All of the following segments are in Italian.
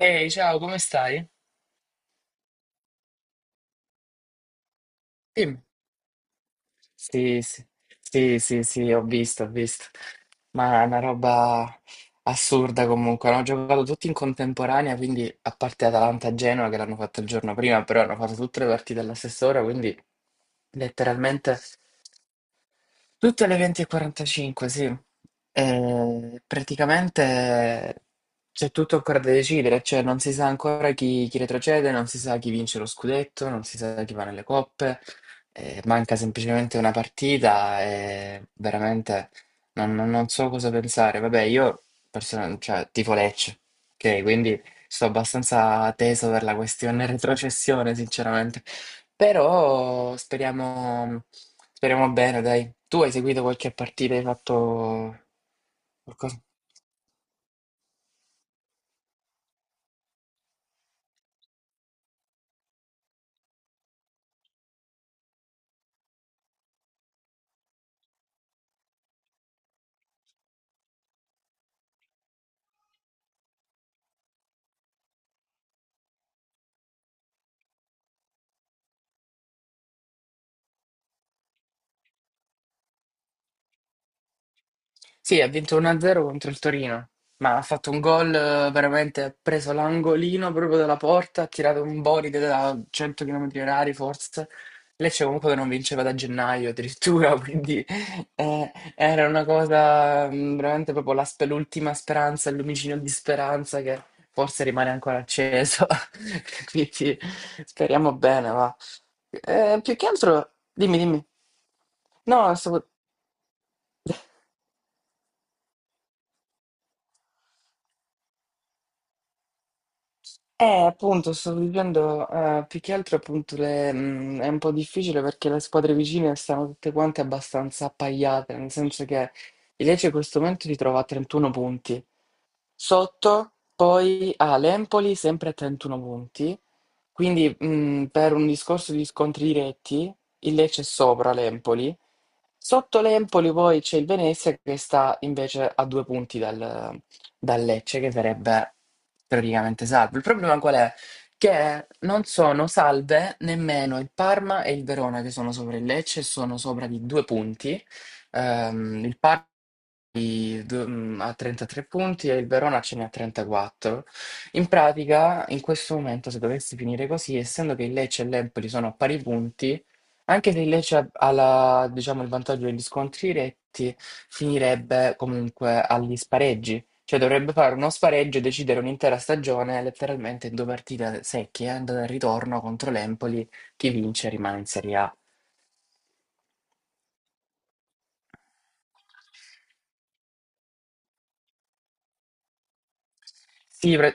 Ehi, ciao, come stai? Dimmi. Sì, sì, sì, sì, sì, ho visto, ho visto. Ma è una roba assurda comunque. Hanno giocato tutti in contemporanea, quindi a parte Atalanta-Genoa che l'hanno fatto il giorno prima, però hanno fatto tutte le partite alla stessa ora, quindi letteralmente. Tutte alle 20:45, sì. E praticamente c'è tutto ancora da decidere, cioè non si sa ancora chi retrocede, non si sa chi vince lo scudetto, non si sa chi va nelle coppe, manca semplicemente una partita e veramente non so cosa pensare. Vabbè, io cioè, tifo Lecce, ok? Quindi sto abbastanza teso per la questione retrocessione, sinceramente. Però speriamo, speriamo bene, dai. Tu hai seguito qualche partita, hai fatto qualcosa? Sì, ha vinto 1-0 contro il Torino, ma ha fatto un gol veramente, ha preso l'angolino proprio dalla porta, ha tirato un boride da 100 km orari forse. Lecce comunque che non vinceva da gennaio addirittura, quindi era una cosa veramente proprio la l'ultima speranza, il lumicino di speranza che forse rimane ancora acceso. Quindi speriamo bene, va. Più che altro, dimmi, dimmi. No. Appunto, sto vivendo più che altro appunto è un po' difficile perché le squadre vicine stanno tutte quante abbastanza appaiate, nel senso che il Lecce in questo momento si trova a 31 punti. Sotto poi ha l'Empoli sempre a 31 punti, quindi per un discorso di scontri diretti il Lecce è sopra l'Empoli. Sotto l'Empoli poi c'è il Venezia che sta invece a due punti dal Lecce che verrebbe teoricamente salvo. Il problema qual è? Che non sono salve nemmeno il Parma e il Verona che sono sopra il Lecce, sono sopra di due punti. Il Parma ha 33 punti e il Verona ce ne ha 34. In pratica, in questo momento, se dovesse finire così, essendo che il Lecce e l'Empoli sono a pari punti, anche se il Lecce ha la diciamo, il vantaggio degli scontri diretti, finirebbe comunque agli spareggi. Cioè dovrebbe fare uno spareggio e decidere un'intera stagione, letteralmente in 2 partite secche, andata e ritorno contro l'Empoli, chi vince rimane in Serie A. Sì,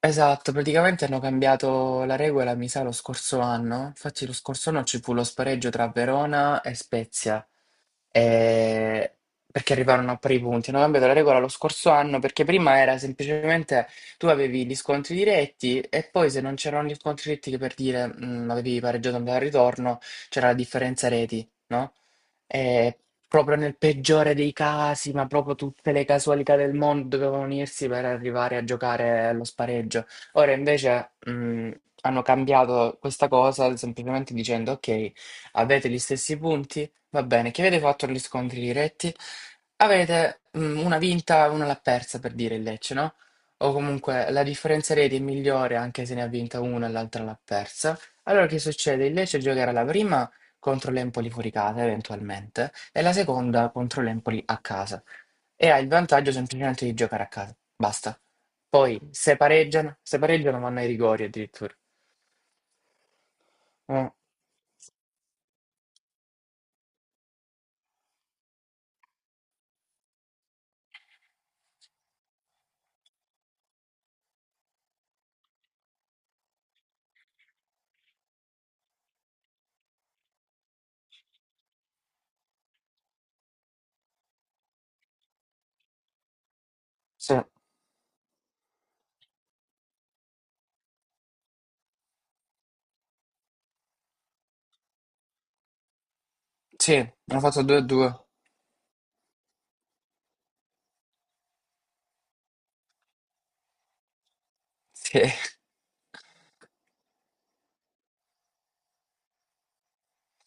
esatto, praticamente hanno cambiato la regola, mi sa, lo scorso anno. Infatti lo scorso anno ci fu lo spareggio tra Verona e Spezia, eh, perché arrivarono a pari punti. Hanno cambiato la regola lo scorso anno perché prima era semplicemente tu avevi gli scontri diretti e poi se non c'erano gli scontri diretti che per dire avevi pareggiato andata al ritorno, c'era la differenza reti, no? E proprio nel peggiore dei casi, ma proprio tutte le casualità del mondo dovevano unirsi per arrivare a giocare allo spareggio. Ora invece hanno cambiato questa cosa semplicemente dicendo ok, avete gli stessi punti. Va bene, che avete fatto gli scontri diretti? Avete una vinta e una l'ha persa per dire il Lecce, no? O comunque la differenza reti è migliore anche se ne ha vinta una e l'altra l'ha persa. Allora che succede? Il Lecce giocherà la prima contro l'Empoli fuori casa, eventualmente, e la seconda contro l'Empoli a casa. E ha il vantaggio semplicemente di giocare a casa. Basta. Poi se pareggiano, se pareggiano vanno ai rigori addirittura. Mm, sì, sì, hanno fatto 2-2. Sì.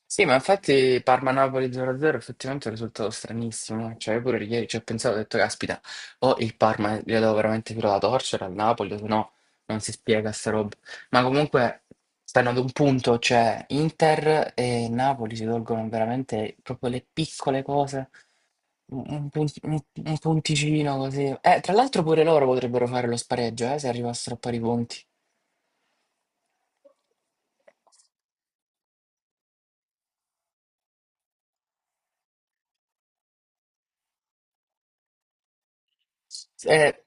Sì, ma infatti Parma-Napoli 0-0 effettivamente è un risultato stranissimo. Cioè, io pure ieri ci ho pensato, ho detto, caspita, o il Parma glielo devo veramente più la torcere al Napoli, o se no non si spiega sta roba. Ma comunque stanno ad un punto, cioè Inter e Napoli si tolgono veramente proprio le piccole cose, un, un punt- un- un punticino così. Tra l'altro pure loro potrebbero fare lo spareggio, se arrivassero a pari punti. Eh,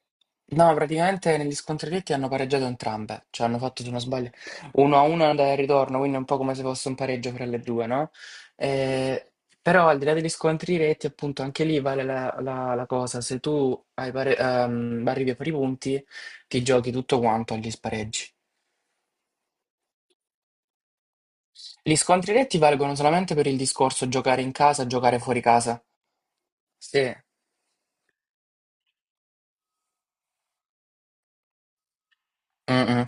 no, praticamente negli scontri diretti hanno pareggiato entrambe, cioè hanno fatto, se non sbaglio, 1-1 andata e ritorno, quindi è un po' come se fosse un pareggio fra le due, no? Eh, però al di là degli scontri diretti, appunto, anche lì vale la cosa, se tu hai arrivi a pari punti, ti giochi tutto quanto agli spareggi. Gli scontri diretti valgono solamente per il discorso giocare in casa, giocare fuori casa. Sì. Mm, mm.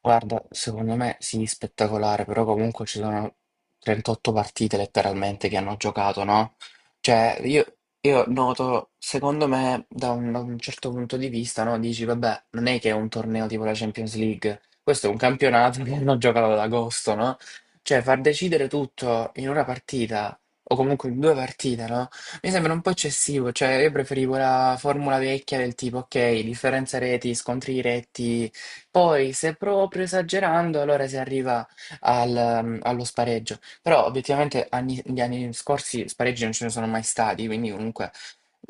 Guarda, secondo me sì, spettacolare, però comunque ci sono 38 partite letteralmente che hanno giocato, no? Cioè, io noto, secondo me, da un certo punto di vista, no? Dici, vabbè, non è che è un torneo tipo la Champions League, questo è un campionato che hanno giocato ad agosto, no? Cioè, far decidere tutto in una partita, o comunque in due partite, no? Mi sembra un po' eccessivo, cioè io preferivo la formula vecchia del tipo, ok, differenza reti, scontri diretti, poi, se proprio esagerando, allora si arriva allo spareggio. Però, obiettivamente, gli anni scorsi spareggi non ce ne sono mai stati, quindi comunque.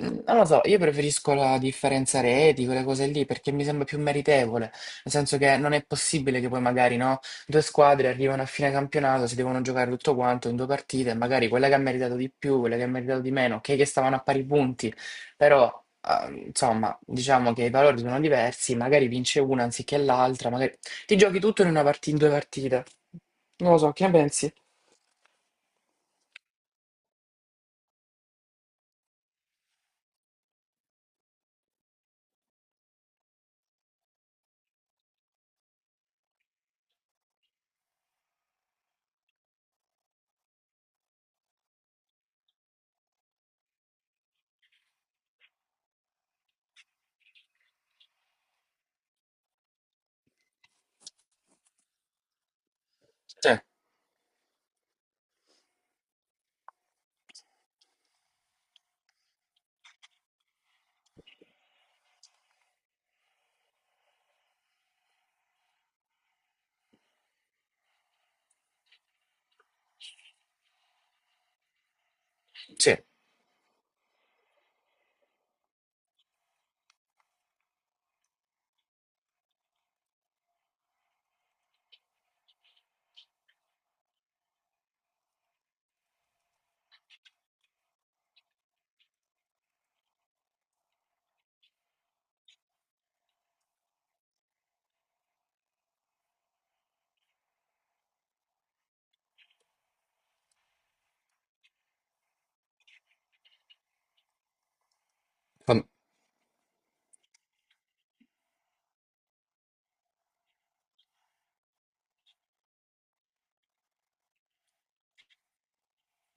Non lo so, io preferisco la differenza reti, quelle cose lì, perché mi sembra più meritevole, nel senso che non è possibile che poi magari, no, due squadre arrivano a fine campionato, si devono giocare tutto quanto in due partite, e magari quella che ha meritato di più, quella che ha meritato di meno, ok che stavano a pari punti, però, ah, insomma, diciamo che i valori sono diversi, magari vince una anziché l'altra, magari ti giochi tutto in una in due partite. Non lo so, che ne pensi? Sì, sì.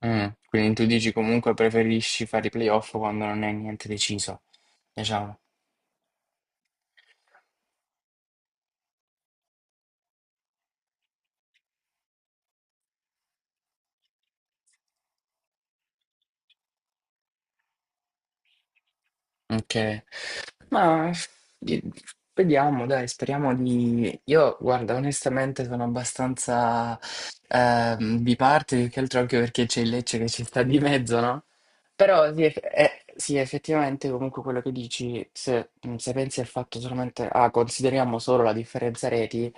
Mm, quindi tu dici comunque preferisci fare i playoff quando non è niente deciso, diciamo. Ok. Ma di- vediamo, dai, speriamo di... Io, guarda, onestamente sono abbastanza biparte, più che altro anche perché c'è il Lecce che ci sta di mezzo, no? Però sì, sì, effettivamente comunque quello che dici, se pensi al fatto solamente, ah, consideriamo solo la differenza reti,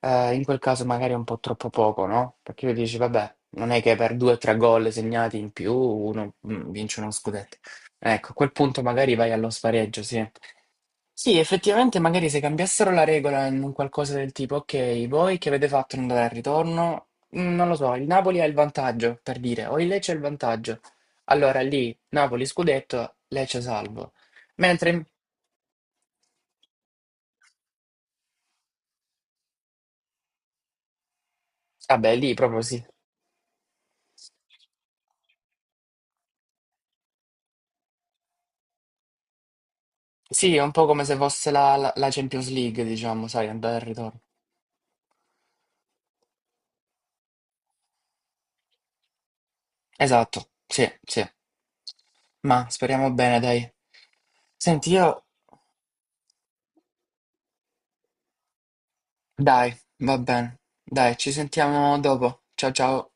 in quel caso magari è un po' troppo poco, no? Perché io dici, vabbè, non è che per due o tre gol segnati in più uno vince uno scudetto. Ecco, a quel punto magari vai allo spareggio, sì. Sì, effettivamente magari se cambiassero la regola in un qualcosa del tipo, ok, voi che avete fatto in andare al ritorno? Non lo so, il Napoli ha il vantaggio, per dire, o il Lecce ha il vantaggio. Allora lì, Napoli scudetto, Lecce salvo. Mentre, vabbè, lì proprio sì. Sì, è un po' come se fosse la Champions League, diciamo, sai, andare al ritorno. Esatto, sì, sì. Ma speriamo bene, dai. Senti, io... Dai, va bene. Dai, ci sentiamo dopo. Ciao ciao.